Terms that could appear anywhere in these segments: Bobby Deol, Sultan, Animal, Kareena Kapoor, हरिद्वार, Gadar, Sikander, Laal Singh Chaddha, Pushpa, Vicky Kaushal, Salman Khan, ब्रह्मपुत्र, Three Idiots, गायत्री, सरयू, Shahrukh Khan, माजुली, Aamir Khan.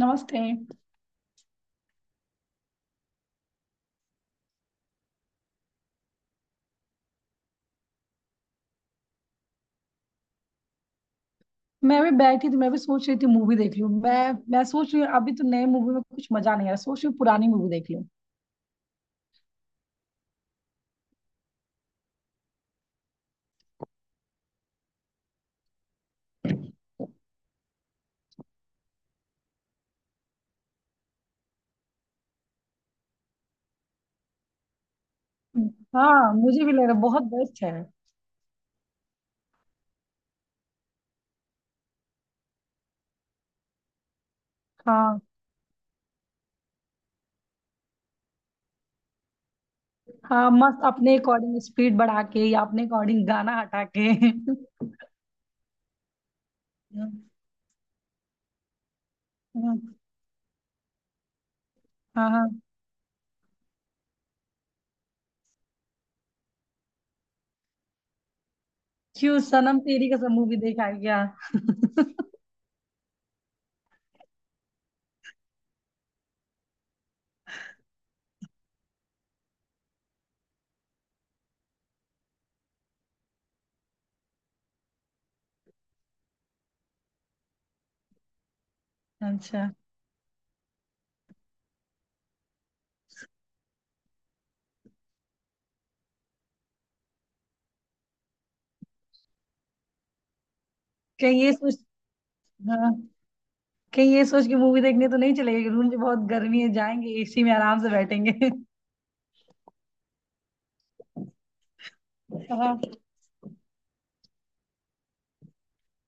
नमस्ते। मैं भी बैठी थी, मैं भी सोच रही थी मूवी देख लूं। मैं सोच रही हूँ अभी तो नए मूवी में कुछ मजा नहीं आ रहा, सोच रही हूँ पुरानी मूवी देख लूं। हाँ, मुझे भी लग रहा है, बहुत बेस्ट है। हाँ। हाँ, मस्त, अपने अकॉर्डिंग स्पीड बढ़ा के या अपने अकॉर्डिंग गाना हटा के। हाँ। हाँ। हाँ। क्यों, सनम तेरी कसम मूवी देख आ गया? अच्छा। कहीं ये सोच हाँ, कहीं ये सोच के मूवी देखने तो नहीं चले गए? रूम में बहुत गर्मी है, जाएंगे एसी में आराम से बैठेंगे। हाँ।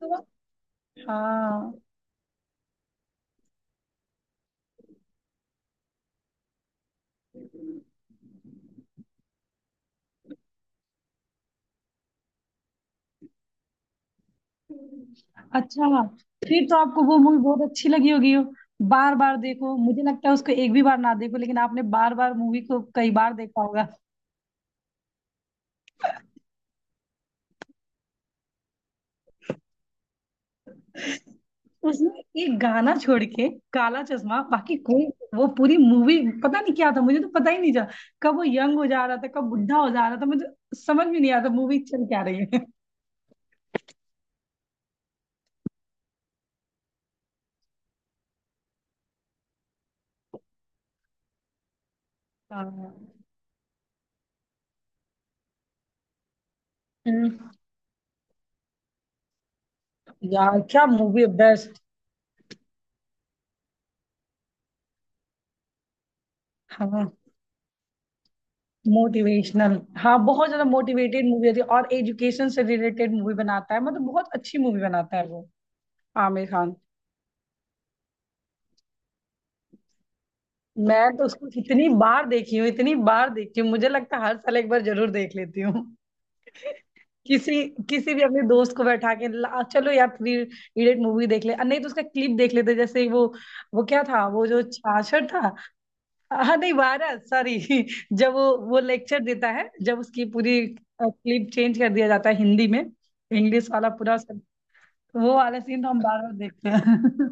तो। हाँ। अच्छा। फिर तो आपको वो मूवी बहुत अच्छी लगी होगी हो। बार बार देखो, मुझे लगता है उसको एक भी बार ना देखो, लेकिन आपने बार बार मूवी को कई बार देखा होगा। उसने एक गाना छोड़ के काला चश्मा, बाकी कोई। वो पूरी मूवी, पता नहीं क्या था, मुझे तो पता ही नहीं चला कब वो यंग हो जा रहा था, कब बुढ़ा हो जा रहा था। मुझे समझ में नहीं आता मूवी चल क्या रही है। हाँ। हम्म। यार, क्या मूवी है, बेस्ट हाँ, मोटिवेशनल, हाँ। बहुत ज्यादा मोटिवेटेड मूवी होती है और एजुकेशन से रिलेटेड मूवी बनाता है, मतलब बहुत अच्छी मूवी बनाता है वो। आमिर खान। मैं तो उसको इतनी बार देखी हूँ, इतनी बार देखी हूँ, मुझे लगता है हर साल एक बार जरूर देख लेती हूँ। किसी किसी भी अपने दोस्त को बैठा के, ला चलो यार थ्री इडियट मूवी देख ले, नहीं तो उसका क्लिप देख लेते। जैसे वो क्या था, वो जो छाछड़ था? हाँ, नहीं, 12, सॉरी जब वो लेक्चर देता है जब उसकी पूरी क्लिप चेंज कर दिया जाता है, हिंदी में इंग्लिश वाला पूरा सब, वो वाला सीन तो हम बार बार देखते हैं।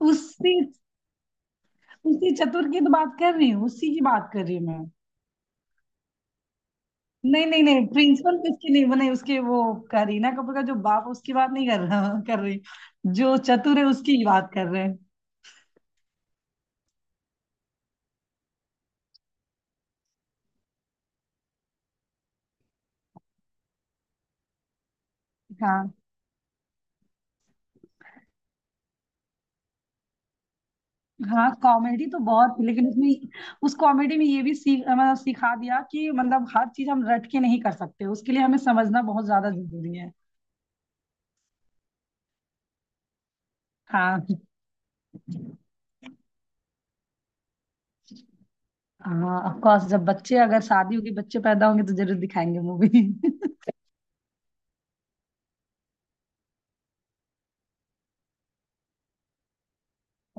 उसी उसी चतुर की तो बात कर रही हूँ, उसी की बात कर रही हूँ। नहीं नहीं नहीं, प्रिंसिपल किसकी नहीं बनाई उसके वो, करीना कपूर का जो बाप उसकी बात नहीं कर रहा, कर रही। जो चतुर है उसकी ही बात कर रहे हैं। हाँ। हाँ, कॉमेडी तो बहुत, लेकिन उसमें, उस कॉमेडी में ये भी सीख मतलब सिखा दिया कि मतलब हर चीज हम रट के नहीं कर सकते, उसके लिए हमें समझना बहुत ज्यादा जरूरी है। हाँ। हाँ, ऑफ कोर्स, जब बच्चे, अगर शादी होगी, बच्चे पैदा होंगे तो जरूर दिखाएंगे मूवी।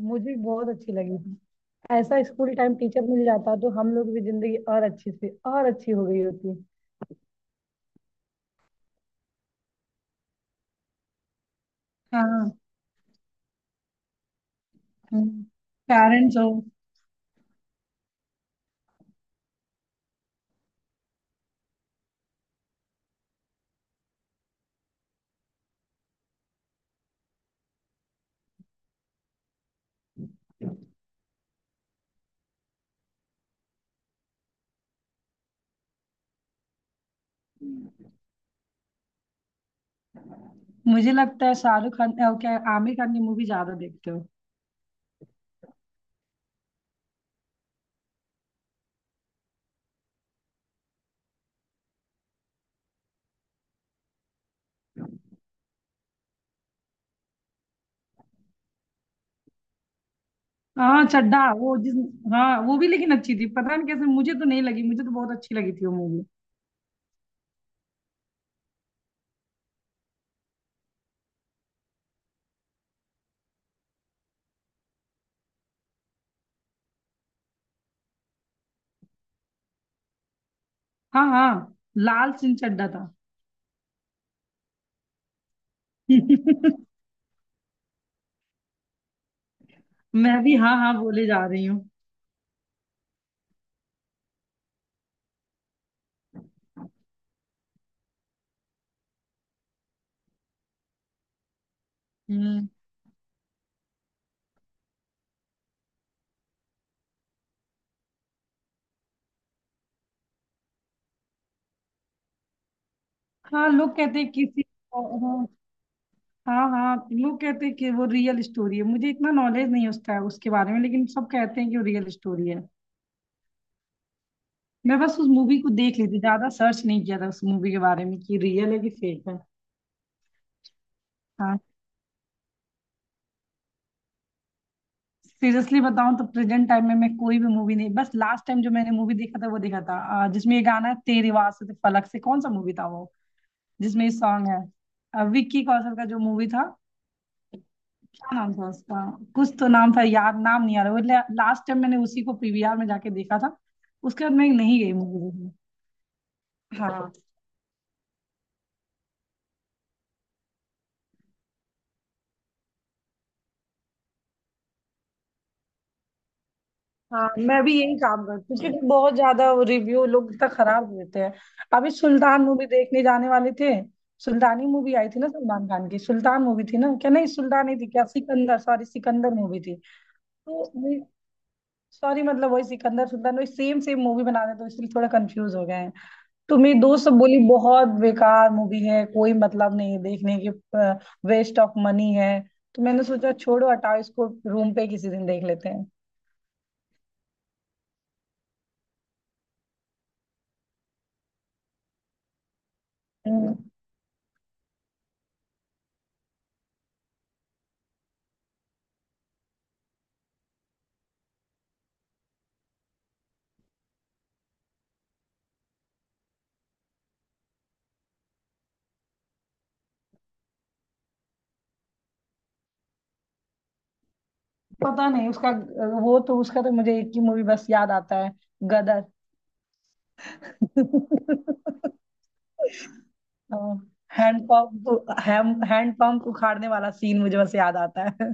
मुझे भी बहुत अच्छी लगी थी। ऐसा स्कूल टाइम टीचर मिल जाता तो हम लोग भी जिंदगी और अच्छी से और अच्छी हो गई होती। हाँ। पेरेंट्स हो। मुझे लगता है शाहरुख खान, क्या आमिर खान की मूवी ज्यादा देखते हो? हाँ चड्ढा, वो जिस। हाँ, वो भी लेकिन अच्छी थी, पता नहीं कैसे मुझे तो नहीं लगी, मुझे तो बहुत अच्छी लगी थी वो मूवी। हाँ हाँ, लाल सिंह चड्ढा था। मैं भी हाँ हाँ बोले जा रही हूँ। हम्म। हाँ, लोग कहते हैं किसी। हाँ हाँ हाँ, लोग कहते हैं कि वो रियल स्टोरी है। मुझे इतना नॉलेज नहीं उसका, उसके बारे में, लेकिन सब कहते हैं कि वो रियल स्टोरी है। मैं बस उस मूवी को देख ली थी, ज्यादा सर्च नहीं किया था उस मूवी के बारे में कि रियल है कि फेक है। हाँ। सीरियसली बताऊं तो प्रेजेंट टाइम में मैं कोई भी मूवी नहीं, बस लास्ट टाइम जो मैंने मूवी देखा था वो देखा था। जिसमें ये गाना है, तेरी आवाज़ से फलक से, कौन सा मूवी था वो, जिसमें ये सॉन्ग है? विक्की कौशल का जो मूवी था, क्या नाम था उसका? कुछ तो नाम था याद, नाम नहीं आ रहा वो। लास्ट टाइम मैंने उसी को पीवीआर में जाके देखा था। उसके बाद मैं नहीं गई मूवी देखने। हाँ। हाँ, मैं भी यही काम करती हूँ क्योंकि बहुत ज्यादा रिव्यू लोग इतना खराब देते हैं। अभी सुल्तान मूवी देखने जाने वाले थे। सुल्तानी मूवी आई थी ना सलमान खान की? सुल्तान मूवी थी ना? क्या नहीं, सुल्तान नहीं थी क्या? सिकंदर, सॉरी, सिकंदर मूवी थी तो। सॉरी, मतलब वही सिकंदर, सुल्तान, वही सेम सेम मूवी बना रहे, तो इसलिए थोड़ा कंफ्यूज हो गए हैं। तो मेरी दोस्त सब बोली बहुत बेकार मूवी है, कोई मतलब नहीं है देखने की, वेस्ट ऑफ मनी है। तो मैंने सोचा छोड़ो हटाओ इसको, रूम पे किसी दिन देख लेते हैं। पता नहीं उसका। वो तो उसका तो मुझे एक ही मूवी बस याद आता है, गदर। हैंड पंप, हैंड पंप उखाड़ने वाला सीन मुझे बस याद आता है।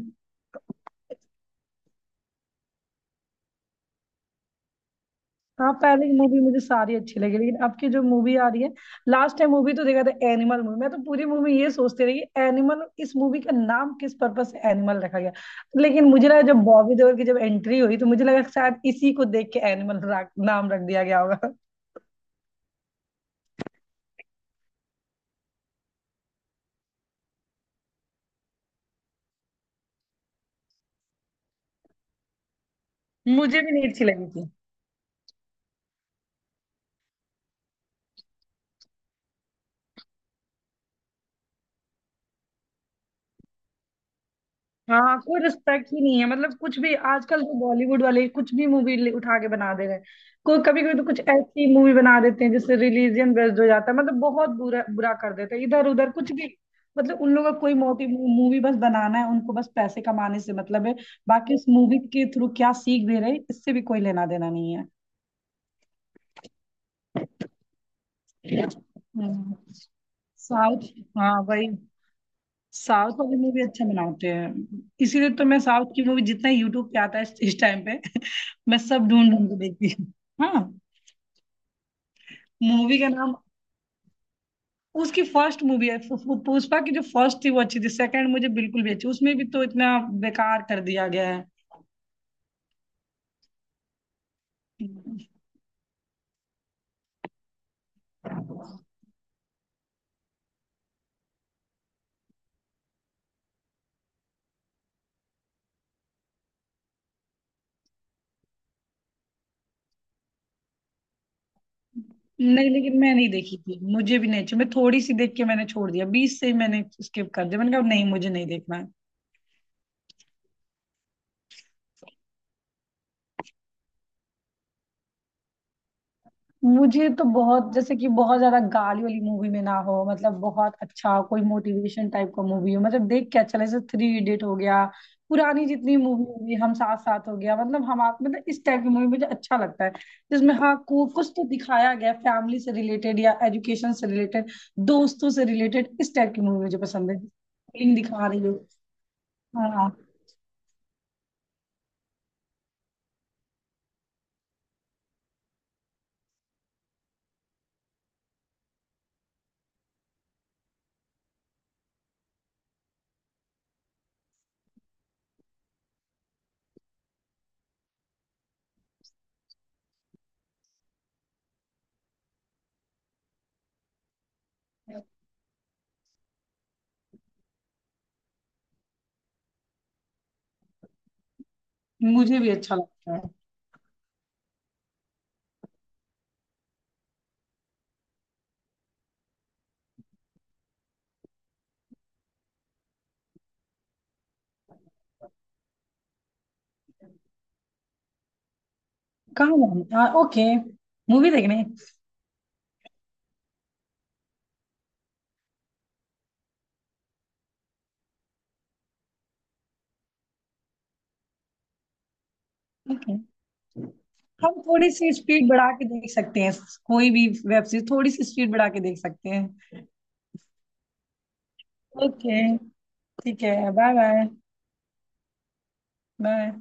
हाँ, पहले की मूवी मुझे सारी अच्छी लगी, लेकिन अब की जो मूवी आ रही है। लास्ट टाइम मूवी तो देखा था एनिमल मूवी, मैं तो पूरी मूवी ये सोचती रही एनिमल, इस मूवी का नाम किस पर्पज से एनिमल रखा गया। लेकिन मुझे लगा जब बॉबी देओल की जब एंट्री हुई, तो मुझे लगा शायद इसी को देख के एनिमल नाम रख दिया गया होगा। मुझे भी नहीं अच्छी लगी। हाँ, कोई रिस्पेक्ट ही नहीं है, मतलब कुछ भी, आजकल तो बॉलीवुड वाले कुछ भी मूवी उठा के बना दे रहे हैं। कोई कभी कभी तो कुछ ऐसी मूवी बना देते हैं जिससे रिलीजन बेस्ड हो जाता है, मतलब बहुत बुरा बुरा कर देते हैं इधर उधर कुछ भी। मतलब उन लोगों का कोई मोटिव, मूवी बस बनाना है, उनको बस पैसे कमाने से मतलब है। बाकी उस मूवी के थ्रू क्या सीख दे रहे हैं इससे भी कोई लेना देना नहीं है। हम्म। साउथ। हाँ वही। साउथ वाले में भी अच्छा बनाते हैं। इसीलिए तो मैं साउथ की मूवी जितना यूट्यूब पे आता है इस टाइम पे मैं सब ढूंढ ढूंढ के देखती हूँ। हाँ। मूवी का नाम। उसकी फर्स्ट मूवी है, पु- पु- पुष्पा की जो फर्स्ट थी वो अच्छी थी, सेकंड मुझे बिल्कुल भी अच्छी, उसमें भी तो इतना बेकार कर दिया गया है। नहीं। लेकिन मैं नहीं देखी थी, मुझे भी नहीं अच्छी, मैं थोड़ी सी देख के मैंने छोड़ दिया, 20 से ही मैंने स्किप कर दिया, मैंने कहा नहीं, मुझे नहीं देखना है। मुझे तो बहुत, जैसे कि बहुत ज्यादा गाली वाली मूवी में ना हो, मतलब बहुत अच्छा कोई मोटिवेशन टाइप का मूवी हो, मतलब देख के अच्छा लगे, जैसे थ्री इडियट हो गया। पुरानी जितनी मूवी होगी, हम साथ साथ हो गया, मतलब हम आप, मतलब इस टाइप की मूवी मुझे अच्छा लगता है, जिसमें हाँ को कुछ तो दिखाया गया, फैमिली से रिलेटेड या एजुकेशन से रिलेटेड, दोस्तों से रिलेटेड, इस टाइप की मूवी मुझे पसंद है, फीलिंग दिखा रही हो। हाँ, मुझे भी अच्छा लगता है। कहाँ जाना? ओके। मूवी देखने? ओके। हम थोड़ी सी स्पीड बढ़ा के देख सकते हैं, कोई भी वेब सीरीज थोड़ी सी स्पीड बढ़ा के देख सकते हैं। ओके, ठीक है, बाय बाय। बाय।